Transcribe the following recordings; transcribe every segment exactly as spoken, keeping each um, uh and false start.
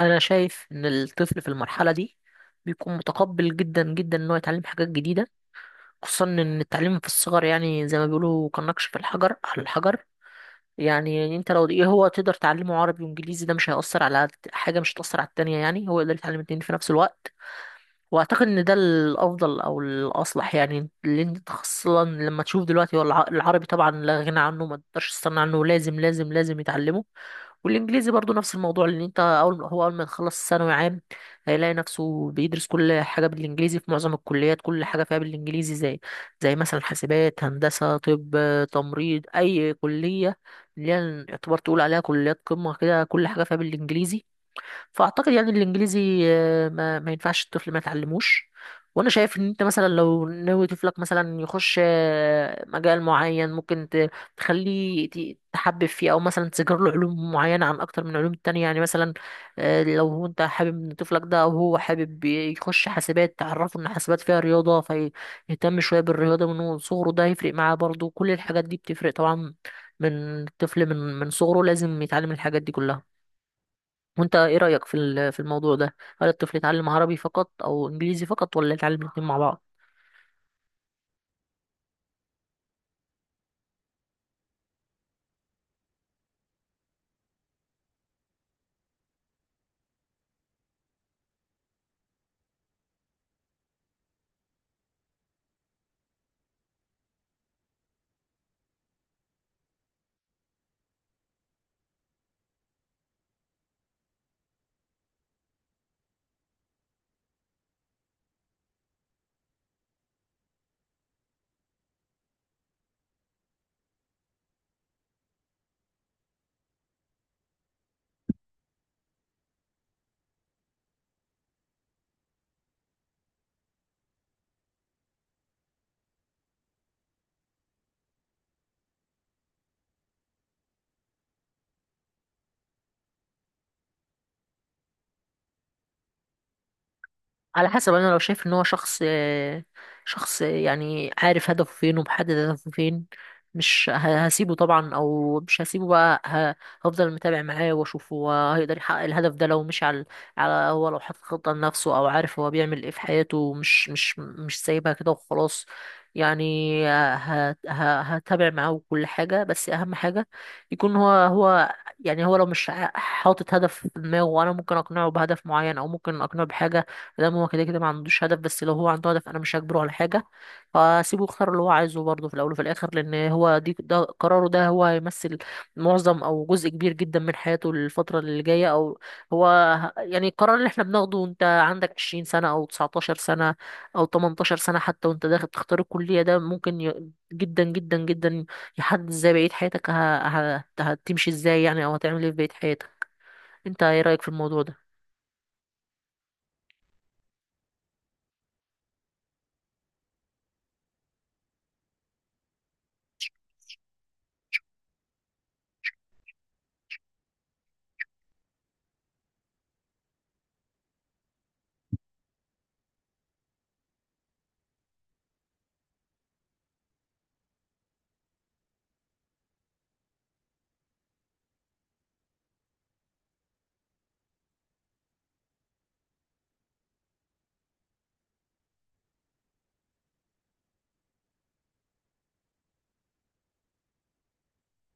انا شايف ان الطفل في المرحله دي بيكون متقبل جدا جدا ان هو يتعلم حاجات جديده. خصوصا ان التعليم في الصغر يعني زي ما بيقولوا كالنقش في الحجر على الحجر. يعني انت لو ايه هو تقدر تعلمه عربي وانجليزي، ده مش هيأثر على حاجه، مش هتأثر على التانية. يعني هو يقدر يتعلم الاتنين في نفس الوقت. واعتقد ان ده الافضل او الاصلح، يعني لان انت خاصه لما تشوف دلوقتي هو الع- العربي طبعا لا غنى عنه، ما تقدرش تستغنى عنه. لازم لازم لازم يتعلمه. والانجليزي برضو نفس الموضوع، لان انت اول هو اول ما يخلص ثانوي عام هيلاقي نفسه بيدرس كل حاجه بالانجليزي في معظم الكليات. كل حاجه فيها بالانجليزي، زي زي مثلا حاسبات، هندسه، طب، تمريض، اي كليه اللي هي يعتبر تقول عليها كليات قمه كده، كل حاجه فيها بالانجليزي. فاعتقد يعني الانجليزي آه، ما, ما ينفعش الطفل ما يتعلموش. وانا شايف ان انت مثلا لو ناوي طفلك مثلا يخش آه، مجال معين، ممكن ت- تخليه ت- تحبب فيه، او مثلا تذكر له علوم معينه عن اكتر من علوم التانية. يعني مثلا آه، لو هو انت حابب ان طفلك ده، او هو حابب يخش حاسبات، تعرفه ان حاسبات فيها رياضه، فيهتم شويه بالرياضه من هو صغره. ده هيفرق معاه برضه، كل الحاجات دي بتفرق طبعا. من الطفل من من صغره لازم يتعلم الحاجات دي كلها. وانت ايه رأيك في ال- في الموضوع ده؟ هل الطفل يتعلم عربي فقط او انجليزي فقط، ولا يتعلم الاتنين مع بعض؟ على حسب. انا لو شايف ان هو شخص، شخص يعني عارف هدفه فين ومحدد هدفه فين، مش ه- هسيبه طبعا. او مش هسيبه بقى، ه- هفضل متابع معاه واشوف هو هيقدر يحقق الهدف ده لو مشي على، على هو لو حاطط خطة لنفسه، او عارف هو بيعمل ايه في حياته، ومش مش مش سايبها كده وخلاص. يعني ه- ه- هتابع معاه كل حاجة، بس اهم حاجة يكون هو هو. يعني هو لو مش ع- حاطط هدف في دماغه، وانا ممكن اقنعه بهدف معين او ممكن اقنعه بحاجة. فدام هو كده كده ما عندوش هدف، بس لو هو عنده هدف انا مش هجبره على حاجه. فسيبه يختار اللي هو عايزه برضه في الاول وفي الاخر، لان هو دي ده قراره. ده هو هيمثل معظم او جزء كبير جدا من حياته، الفتره اللي جايه. او هو ه- يعني القرار اللي احنا بناخده، انت عندك عشرين سنه او تسعتاشر سنه او تمنتاشر سنه حتى وانت داخل تختار الكليه، ده ممكن ي... جدا جدا جدا يحدد ازاي بقيه حياتك ه... ه... هتمشي ازاي، يعني، او هتعمل ايه في بقيه حياتك. انت ايه رايك في الموضوع ده؟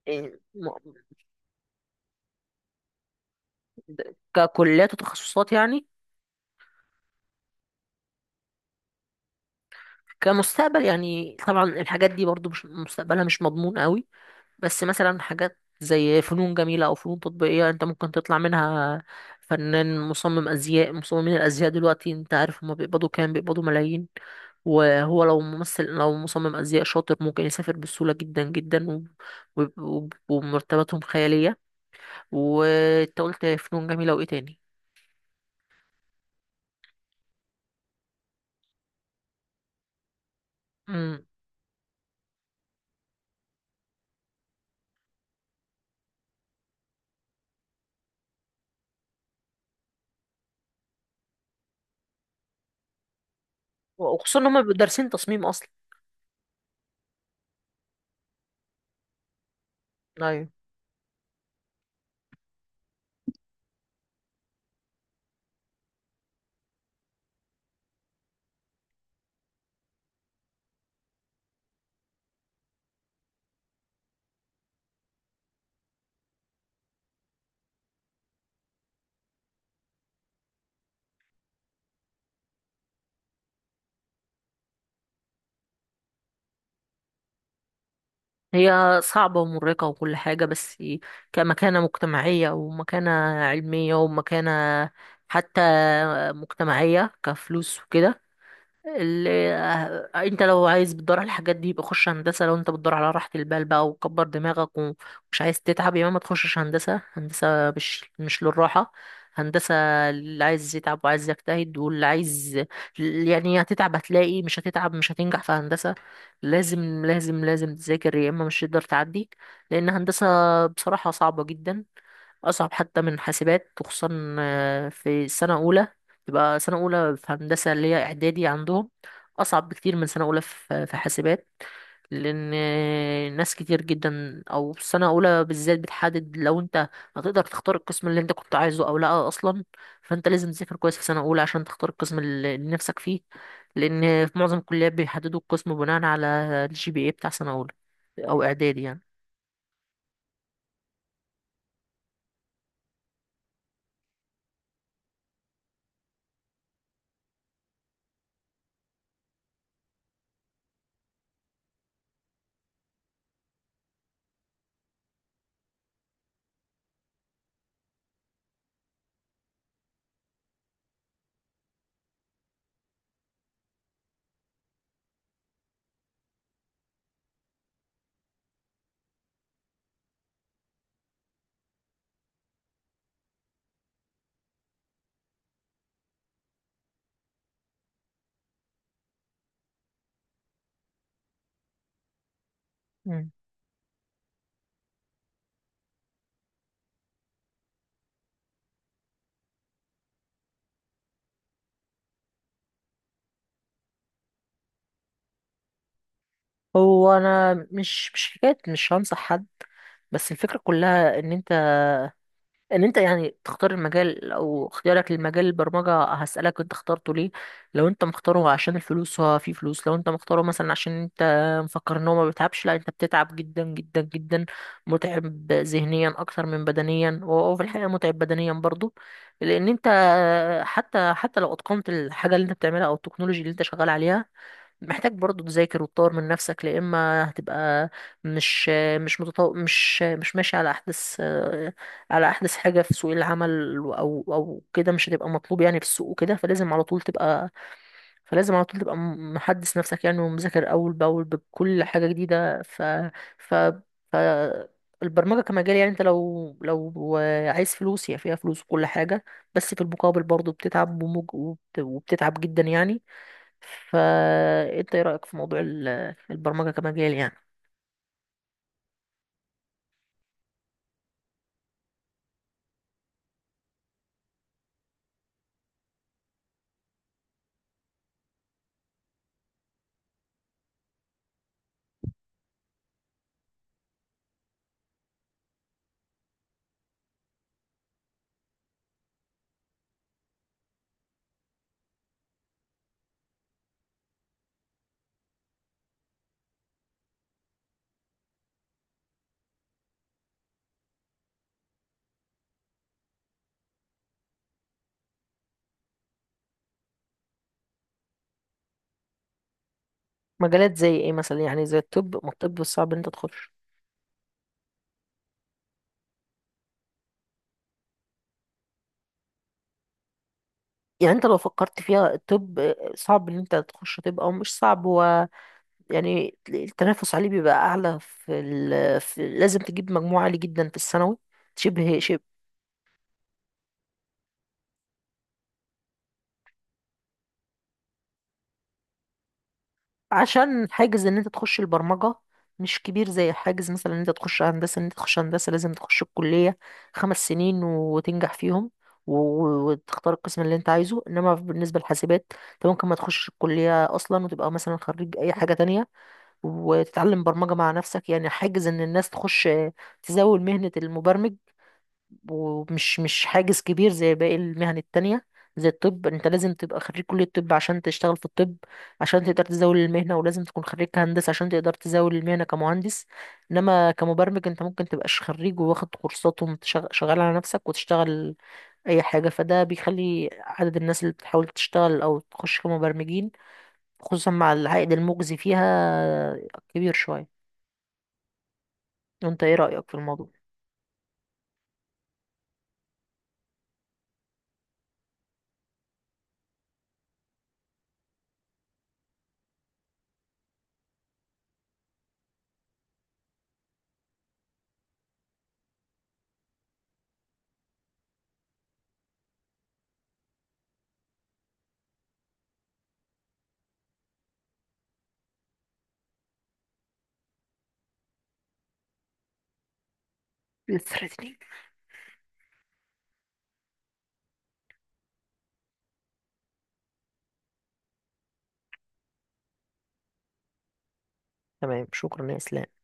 إيه، ككليات وتخصصات يعني؟ كمستقبل يعني طبعا الحاجات دي برضو مش مستقبلها مش مضمون قوي. بس مثلا حاجات زي فنون جميلة أو فنون تطبيقية أنت ممكن تطلع منها فنان، مصمم أزياء. مصممين الأزياء دلوقتي أنت عارف هما بيقبضوا كام؟ بيقبضوا ملايين. وهو لو ممثل، لو مصمم أزياء شاطر، ممكن يسافر بسهولة جدا جدا و- وب- وب- ومرتباتهم خيالية. وأنت قلت فنون جميلة وإيه تاني؟ مم. وخصوصا إن هما بيبقوا دارسين تصميم أصلا. أيوة. هي صعبة ومرهقة وكل حاجة، بس كمكانة مجتمعية، ومكانة علمية، ومكانة حتى مجتمعية كفلوس وكده، اللي آه، انت لو عايز بتدور على الحاجات دي يبقى خش هندسه. لو انت بتدور على راحه البال بقى وكبر دماغك ومش عايز تتعب، يبقى ما تخشش هندسه. هندسه مش مش للراحه. هندسه اللي عايز يتعب وعايز يجتهد واللي عايز، يعني هتتعب. هتلاقي مش هتتعب مش هتنجح في هندسه. لازم لازم لازم تذاكر يا اما مش هتقدر تعدي. لان هندسه بصراحه صعبه جدا، اصعب حتى من حاسبات. وخصوصا آه، في السنه الاولى، تبقى سنة أولى في هندسة اللي هي إعدادي عندهم، أصعب بكتير من سنة أولى في في حاسبات. لأن ناس كتير جدا، أو سنة أولى بالذات بتحدد لو أنت هتقدر تختار القسم اللي أنت كنت عايزه أو لأ أصلا. فأنت لازم تذاكر كويس في سنة أولى عشان تختار القسم اللي اللي نفسك فيه. لأن في معظم الكليات بيحددوا القسم بناء على الجي بي إيه بتاع سنة أولى، أو إعدادي يعني. مم. هو أنا مش مش حكاية، مش هنصح حد. بس الفكرة كلها إن أنت، ان انت يعني تختار المجال. او اختيارك للمجال البرمجة، هسألك انت اخترته ليه؟ لو انت مختاره عشان الفلوس، هو في فلوس. لو انت مختاره مثلا عشان انت مفكر ان هو ما بيتعبش، لا انت بتتعب جدا جدا جدا. متعب ذهنيا اكتر من بدنيا، وهو في الحقيقة متعب بدنيا برضو. لان انت حتى حتى لو اتقنت الحاجة اللي انت بتعملها او التكنولوجي اللي انت شغال عليها، محتاج برضو تذاكر وتطور من نفسك، لا اما هتبقى مش، مش متطو... مش مش ماشي على احدث، على احدث حاجه في سوق العمل او او كده. مش هتبقى مطلوب يعني في السوق وكده. فلازم على طول تبقى فلازم على طول تبقى م- محدث نفسك يعني، ومذاكر اول باول بكل حاجه جديده. ف ف ف البرمجه كمجال يعني، انت لو لو عايز فلوس، هي فيها فلوس وكل حاجه، بس في المقابل برضو بتتعب ومج... وبت- وبتتعب جدا يعني. فانت ايه رأيك في موضوع ال- البرمجة كمجال يعني؟ مجالات زي ايه مثلا؟ يعني زي الطب. ما الطب صعب ان انت تخش. يعني انت لو فكرت فيها الطب صعب ان انت تخش طب او مش صعب، هو يعني التنافس عليه بيبقى اعلى في, ال... في لازم تجيب مجموع عالي جدا في الثانوي شبه. عشان حاجز ان انت تخش البرمجة مش كبير زي حاجز مثلا ان انت تخش هندسة. ان انت تخش هندسة لازم تخش الكلية خمس سنين وتنجح فيهم، و- وتختار القسم اللي انت عايزه. انما بالنسبة للحاسبات انت ممكن ما تخشش الكلية اصلا وتبقى مثلا خريج اي حاجة تانية وتتعلم برمجة مع نفسك. يعني حاجز ان الناس تخش تزاول مهنة المبرمج، ومش مش حاجز كبير زي باقي المهن التانية. زي الطب انت لازم تبقى خريج كلية الطب عشان تشتغل في الطب، عشان تقدر تزاول المهنة. ولازم تكون خريج هندسة عشان تقدر تزاول المهنة كمهندس. انما كمبرمج انت ممكن تبقاش خريج وواخد كورسات وشغال على نفسك وتشتغل اي حاجة. فده بيخلي عدد الناس اللي بتحاول تشتغل او تخش كمبرمجين، خصوصا مع العائد المجزي فيها، كبير شوية. وانت ايه رأيك في الموضوع؟ Threatening. تمام، شكرا يا اسلام.